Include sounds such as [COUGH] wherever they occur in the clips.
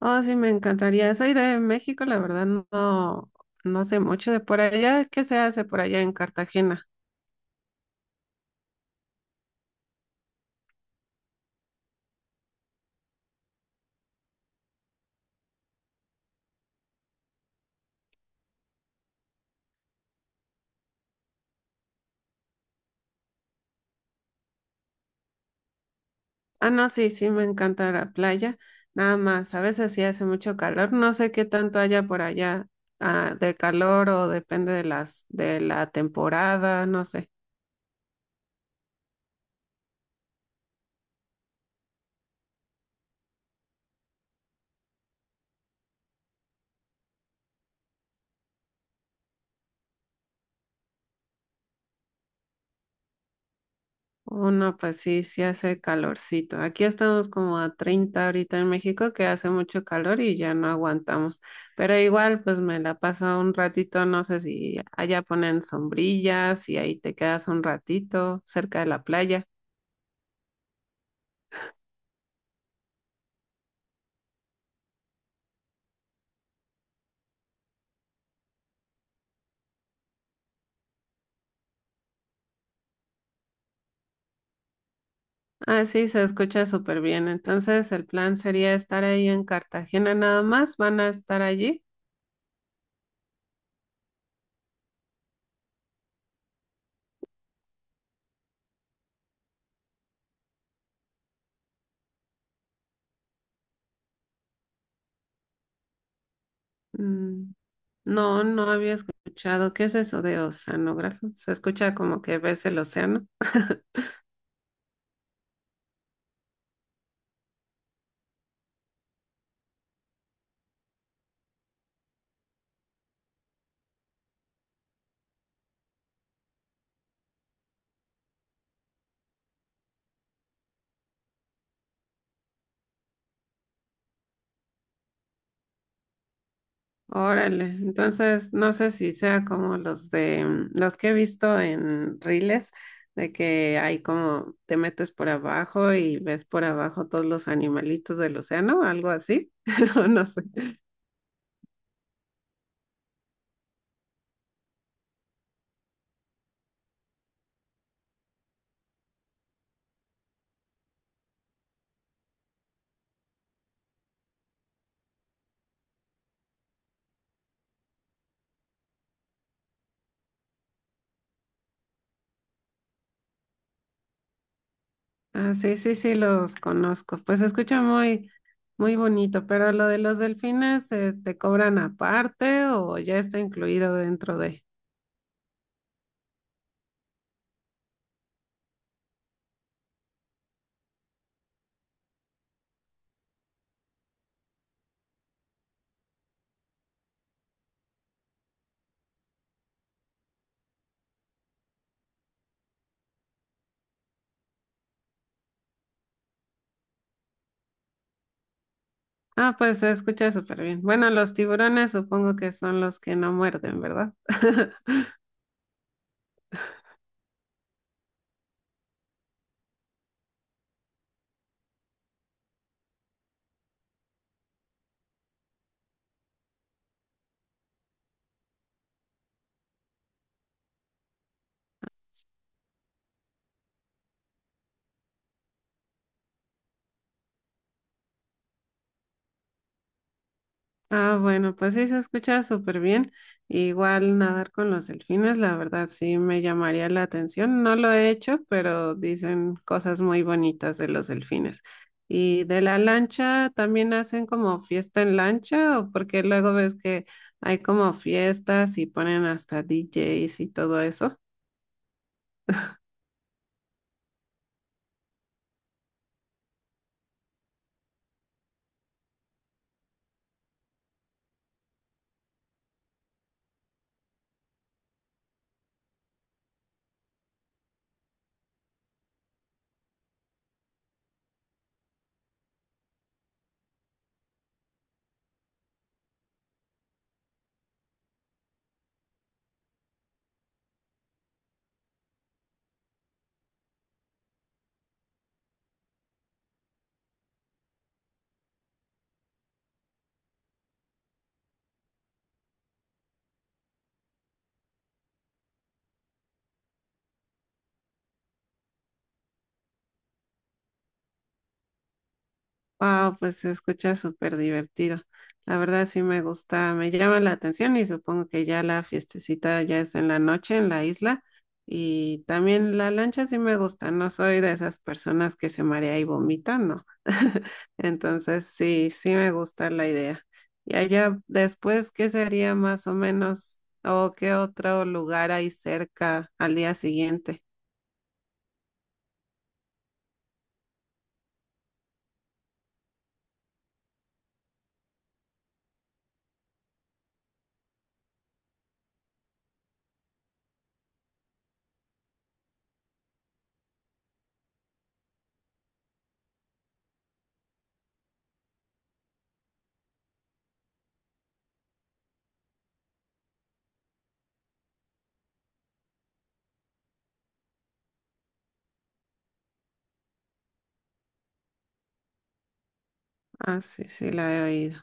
Oh, sí, me encantaría. Soy de México, la verdad no, no sé mucho de por allá. ¿Qué se hace por allá en Cartagena? Ah, no, sí, sí, me encanta la playa. Nada más, a veces sí hace mucho calor. No sé qué tanto haya por allá, ah, de calor o depende de la temporada, no sé. Oh, no, pues sí, sí hace calorcito. Aquí estamos como a 30 ahorita en México, que hace mucho calor y ya no aguantamos. Pero igual, pues me la paso un ratito, no sé si allá ponen sombrillas y ahí te quedas un ratito cerca de la playa. Ah, sí, se escucha súper bien. Entonces, el plan sería estar ahí en Cartagena nada más. ¿Van a estar allí? Mm, no, no había escuchado. ¿Qué es eso de oceanógrafo? Se escucha como que ves el océano. [LAUGHS] Órale, entonces no sé si sea como los de los que he visto en reels, de que hay como te metes por abajo y ves por abajo todos los animalitos del océano, algo así, [LAUGHS] o no sé. Ah, sí, sí, sí, los conozco. Pues se escucha muy, muy bonito, pero lo de los delfines, ¿te cobran aparte o ya está incluido dentro de? Ah, pues se escucha súper bien. Bueno, los tiburones supongo que son los que no muerden, ¿verdad? [LAUGHS] Ah, bueno, pues sí, se escucha súper bien. Igual nadar con los delfines, la verdad sí me llamaría la atención. No lo he hecho, pero dicen cosas muy bonitas de los delfines. Y de la lancha, ¿también hacen como fiesta en lancha? ¿O porque luego ves que hay como fiestas y ponen hasta DJs y todo eso? Wow, pues se escucha súper divertido. La verdad sí me gusta, me llama la atención y supongo que ya la fiestecita ya es en la noche en la isla y también la lancha sí me gusta, no soy de esas personas que se marea y vomitan, no. [LAUGHS] Entonces sí, sí me gusta la idea. Y allá después, ¿qué sería más o menos o qué otro lugar hay cerca al día siguiente? Ah, sí, sí, la he oído.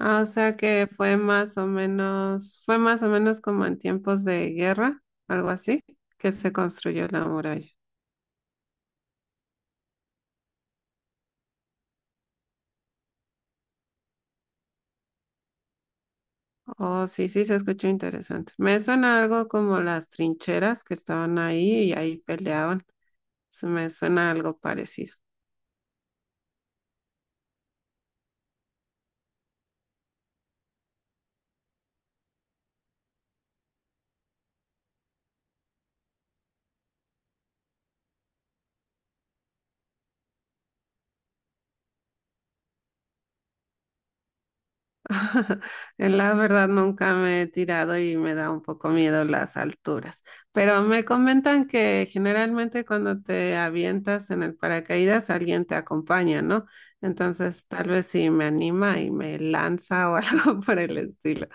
Ah, o sea que fue más o menos como en tiempos de guerra, algo así, que se construyó la muralla. Oh, sí, sí, se escuchó interesante. Me suena algo como las trincheras que estaban ahí y ahí peleaban. Se me suena algo parecido. [LAUGHS] La verdad nunca me he tirado y me da un poco miedo las alturas, pero me comentan que generalmente cuando te avientas en el paracaídas alguien te acompaña, ¿no? Entonces tal vez sí me anima y me lanza o [LAUGHS] algo por el estilo.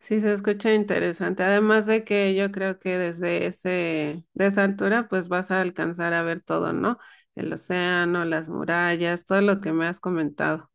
Sí, se escucha interesante. Además de que yo creo que desde ese, de esa altura pues vas a alcanzar a ver todo, ¿no? El océano, las murallas, todo lo que me has comentado.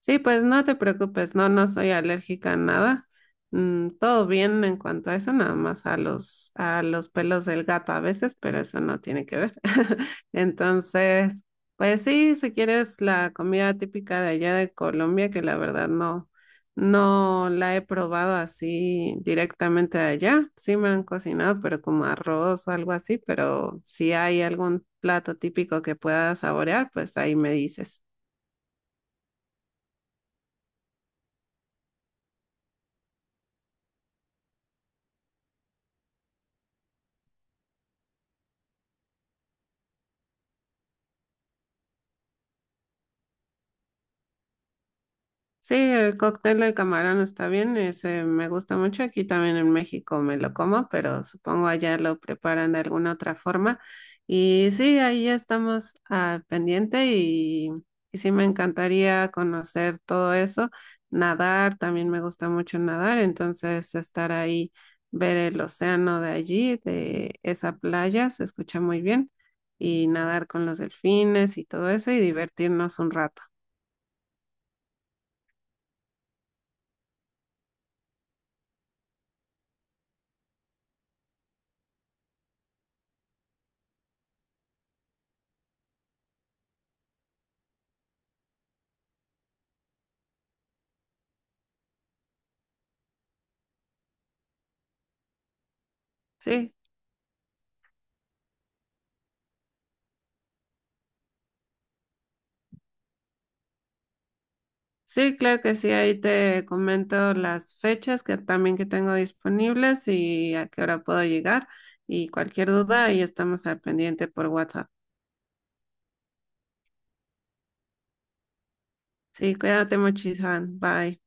Sí, pues no te preocupes, no, no soy alérgica a nada. Todo bien en cuanto a eso, nada más a los pelos del gato a veces, pero eso no tiene que ver. [LAUGHS] Entonces, pues sí, si quieres la comida típica de allá de Colombia, que la verdad no, no la he probado así directamente de allá. Sí me han cocinado, pero como arroz o algo así, pero si hay algún plato típico que pueda saborear, pues ahí me dices. Sí, el cóctel de camarón está bien, ese me gusta mucho. Aquí también en México me lo como, pero supongo allá lo preparan de alguna otra forma. Y sí, ahí estamos al pendiente y sí me encantaría conocer todo eso. Nadar, también me gusta mucho nadar, entonces estar ahí, ver el océano de allí, de esa playa, se escucha muy bien. Y nadar con los delfines y todo eso y divertirnos un rato. Sí, sí, claro que sí, ahí te comento las fechas que también que tengo disponibles y a qué hora puedo llegar y cualquier duda ahí estamos al pendiente por WhatsApp. Sí, cuídate mucho, Ihan. Bye.